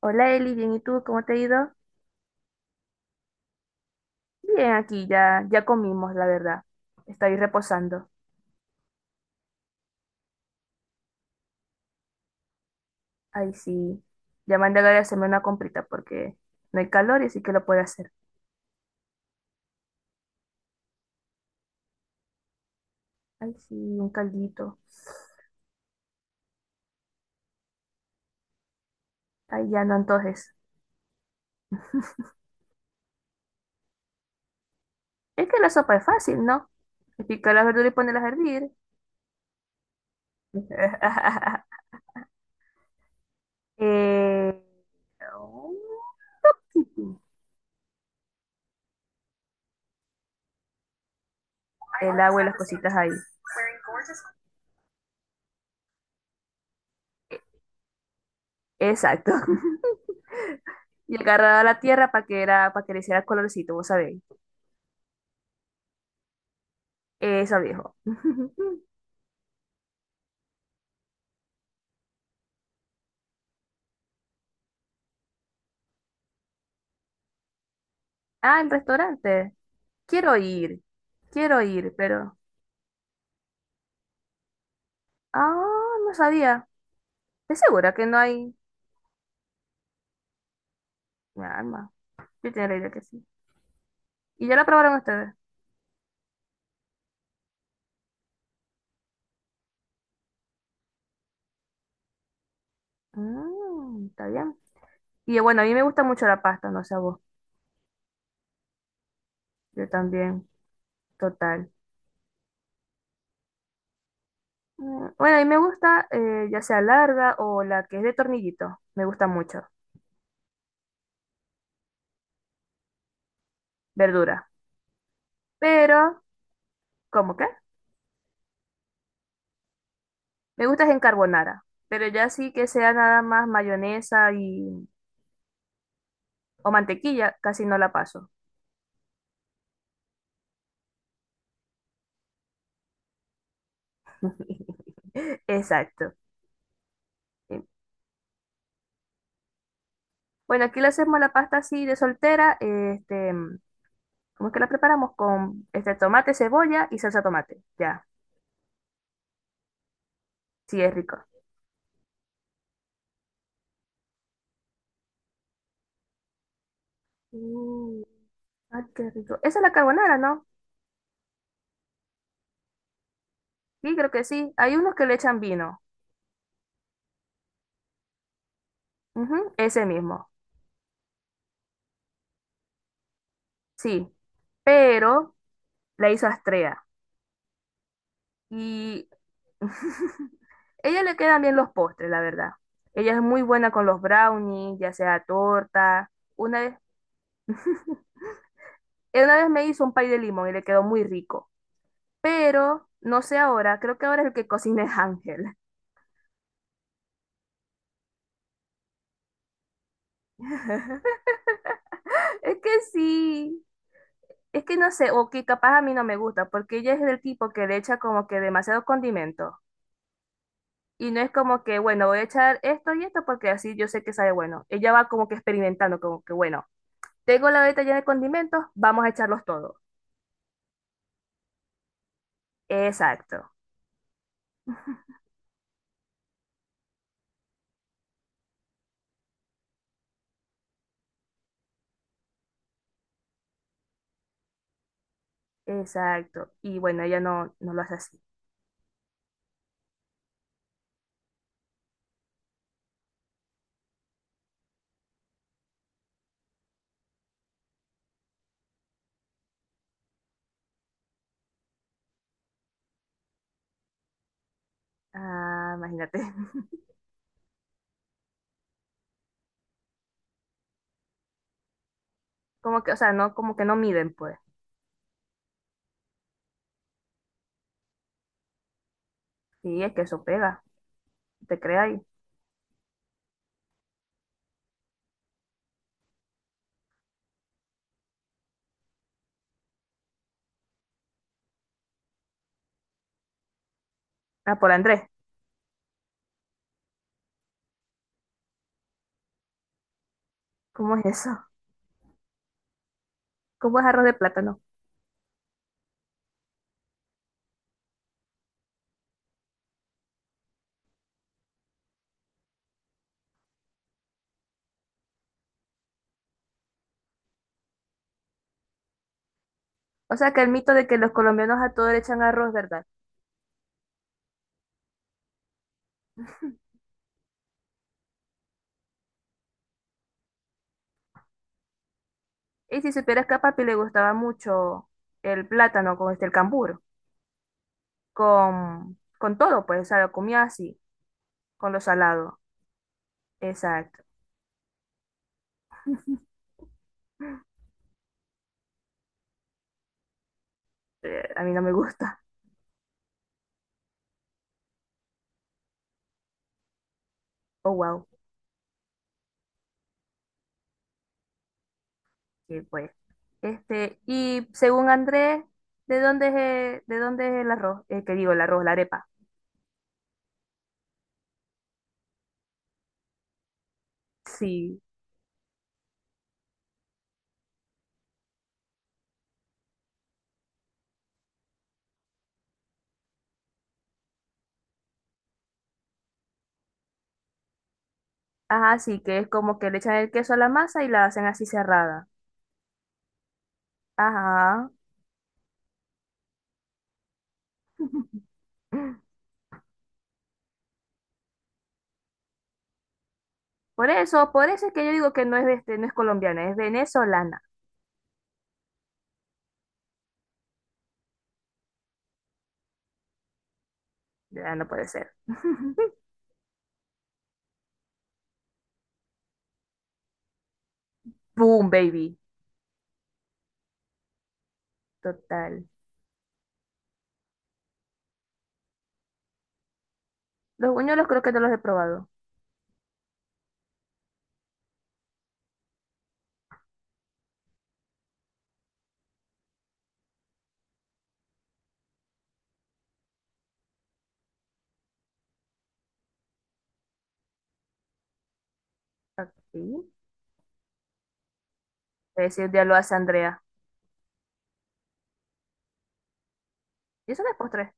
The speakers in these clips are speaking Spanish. Hola Eli, bien, ¿y tú? ¿Cómo te ha ido? Bien, aquí ya comimos, la verdad. Estoy reposando. Ay, sí. Ya mandé a Gaby a hacerme una comprita porque no hay calor y así que lo puede hacer. Ay, sí, un caldito. Ay, ya no, entonces. Es que la sopa es fácil, ¿no? Es Picar las verduras y ponerlas a hervir. Eh, el agua y las cositas ahí. Exacto. Y agarraba la tierra para que, era, para que le hiciera colorcito, vos sabéis. Eso, viejo. Ah, el restaurante. Quiero ir, quiero ir, pero... Ah, no sabía. ¿Es segura que no hay mi alma? Yo tenía la idea que sí. ¿Y ya la probaron ustedes? Mm, está bien. Y bueno, a mí me gusta mucho la pasta, no sé a vos. Yo también, total. Mm, bueno, a mí me gusta ya sea larga o la que es de tornillito. Me gusta mucho. Verdura. Pero, ¿cómo qué? Me gusta es en carbonara. Pero ya sí que sea nada más mayonesa y... o mantequilla, casi no la paso. Exacto. Sí. Bueno, aquí le hacemos la pasta así de soltera. Este, ¿cómo es que la preparamos? Con este tomate, cebolla y salsa tomate. Ya, sí, es rico. Mm, ay, qué rico. Esa es la carbonara, ¿no? Sí, creo que sí. Hay unos que le echan vino. Ujú, ese mismo. Sí. Pero la hizo Astrea. Y ella le quedan bien los postres, la verdad. Ella es muy buena con los brownies, ya sea torta. Una vez. Él una vez me hizo un pay de limón y le quedó muy rico. Pero, no sé ahora, creo que ahora es el que cocina es Ángel. Es que sí, es que no sé, o que capaz a mí no me gusta, porque ella es del tipo que le echa como que demasiado condimento. Y no es como que, bueno, voy a echar esto y esto porque así yo sé que sabe bueno. Ella va como que experimentando, como que, bueno, tengo la beta llena de condimentos, vamos a echarlos todos. Exacto, exacto. Y bueno, ella no, no lo hace así. Ah, imagínate. Como que, o sea, no, como que no miden, pues. Sí, es que eso pega, te crea ahí. Ah, por Andrés, ¿cómo es eso? ¿Cómo es arroz de plátano? O sea que el mito de que los colombianos a todo le echan arroz, ¿verdad? Y si supieras que a papi le gustaba mucho el plátano con este, el cambur, con todo, pues, o sea, lo comía así, con lo salado. Exacto. A mí no me gusta. Oh, wow. Sí, pues. Este, y según Andrés, de dónde es el arroz? Que digo, el arroz, la arepa. Sí. Ajá, sí, que es como que le echan el queso a la masa y la hacen así cerrada. Ajá. Por eso es que yo digo que no es, este, no es colombiana, es venezolana. Ya no puede ser. Boom, baby. Total. Los buñuelos creo que no los he probado. Aquí. Ese un día lo hace Andrea. ¿Y eso no es postre?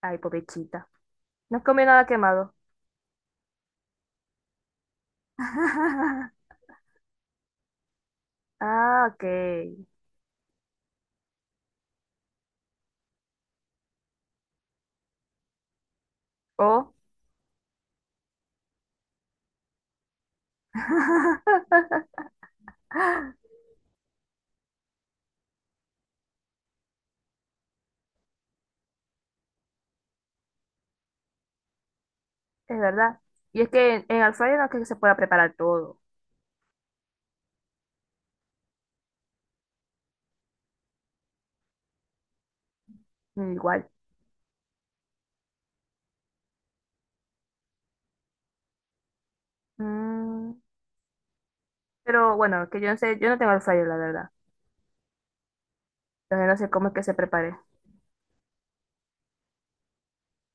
Ay, pobrecita. No comió nada quemado. Ah, ok. Oh. Es verdad. Y es que en air fryer no es que se pueda preparar todo. Igual. Mm, pero bueno, que yo no sé, yo no tengo el fryer, la verdad. Entonces no sé cómo es que se prepare.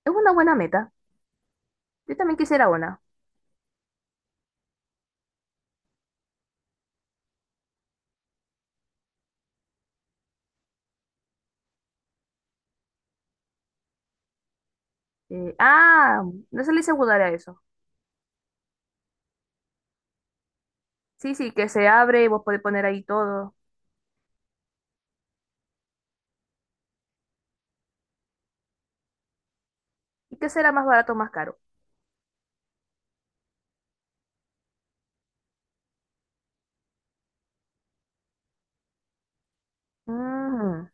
Es una buena meta. Yo también quisiera una. Eh, ah, no se le hice budar a eso. Sí, sí, que se abre y vos podés poner ahí todo. ¿Y qué será más barato o más caro? Mm,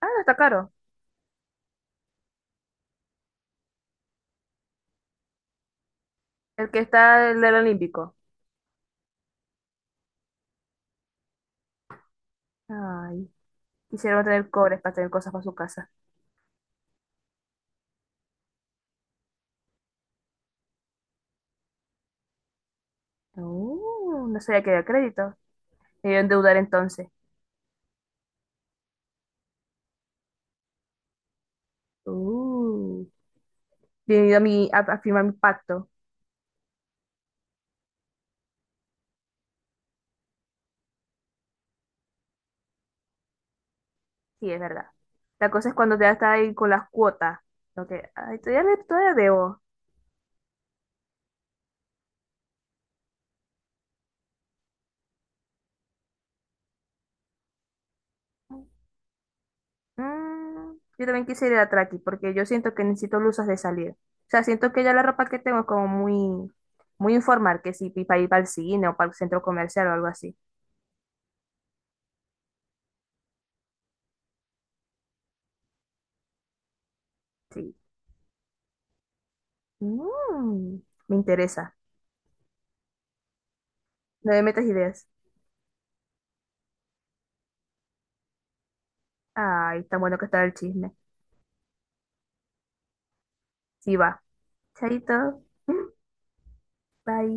ah, no está caro. El que está el del Olímpico. Ay, quisieron tener cobres para tener cosas para su casa. No sabía que había crédito. Me iba a endeudar entonces. Uh, bienvenido a, mi, a firmar mi pacto. Sí, es verdad. La cosa es cuando te está ahí con las cuotas. Lo que, ay, todavía, le- todavía debo. Mm, yo también quise ir a Traki porque yo siento que necesito luces de salir. O sea, siento que ya la ropa que tengo es como muy, muy informal, que si para ir para el cine o para el centro comercial o algo así. Sí. Mm, me interesa. No me metas ideas. Ay, tan bueno que está el chisme. Sí, va. Chaito. Bye.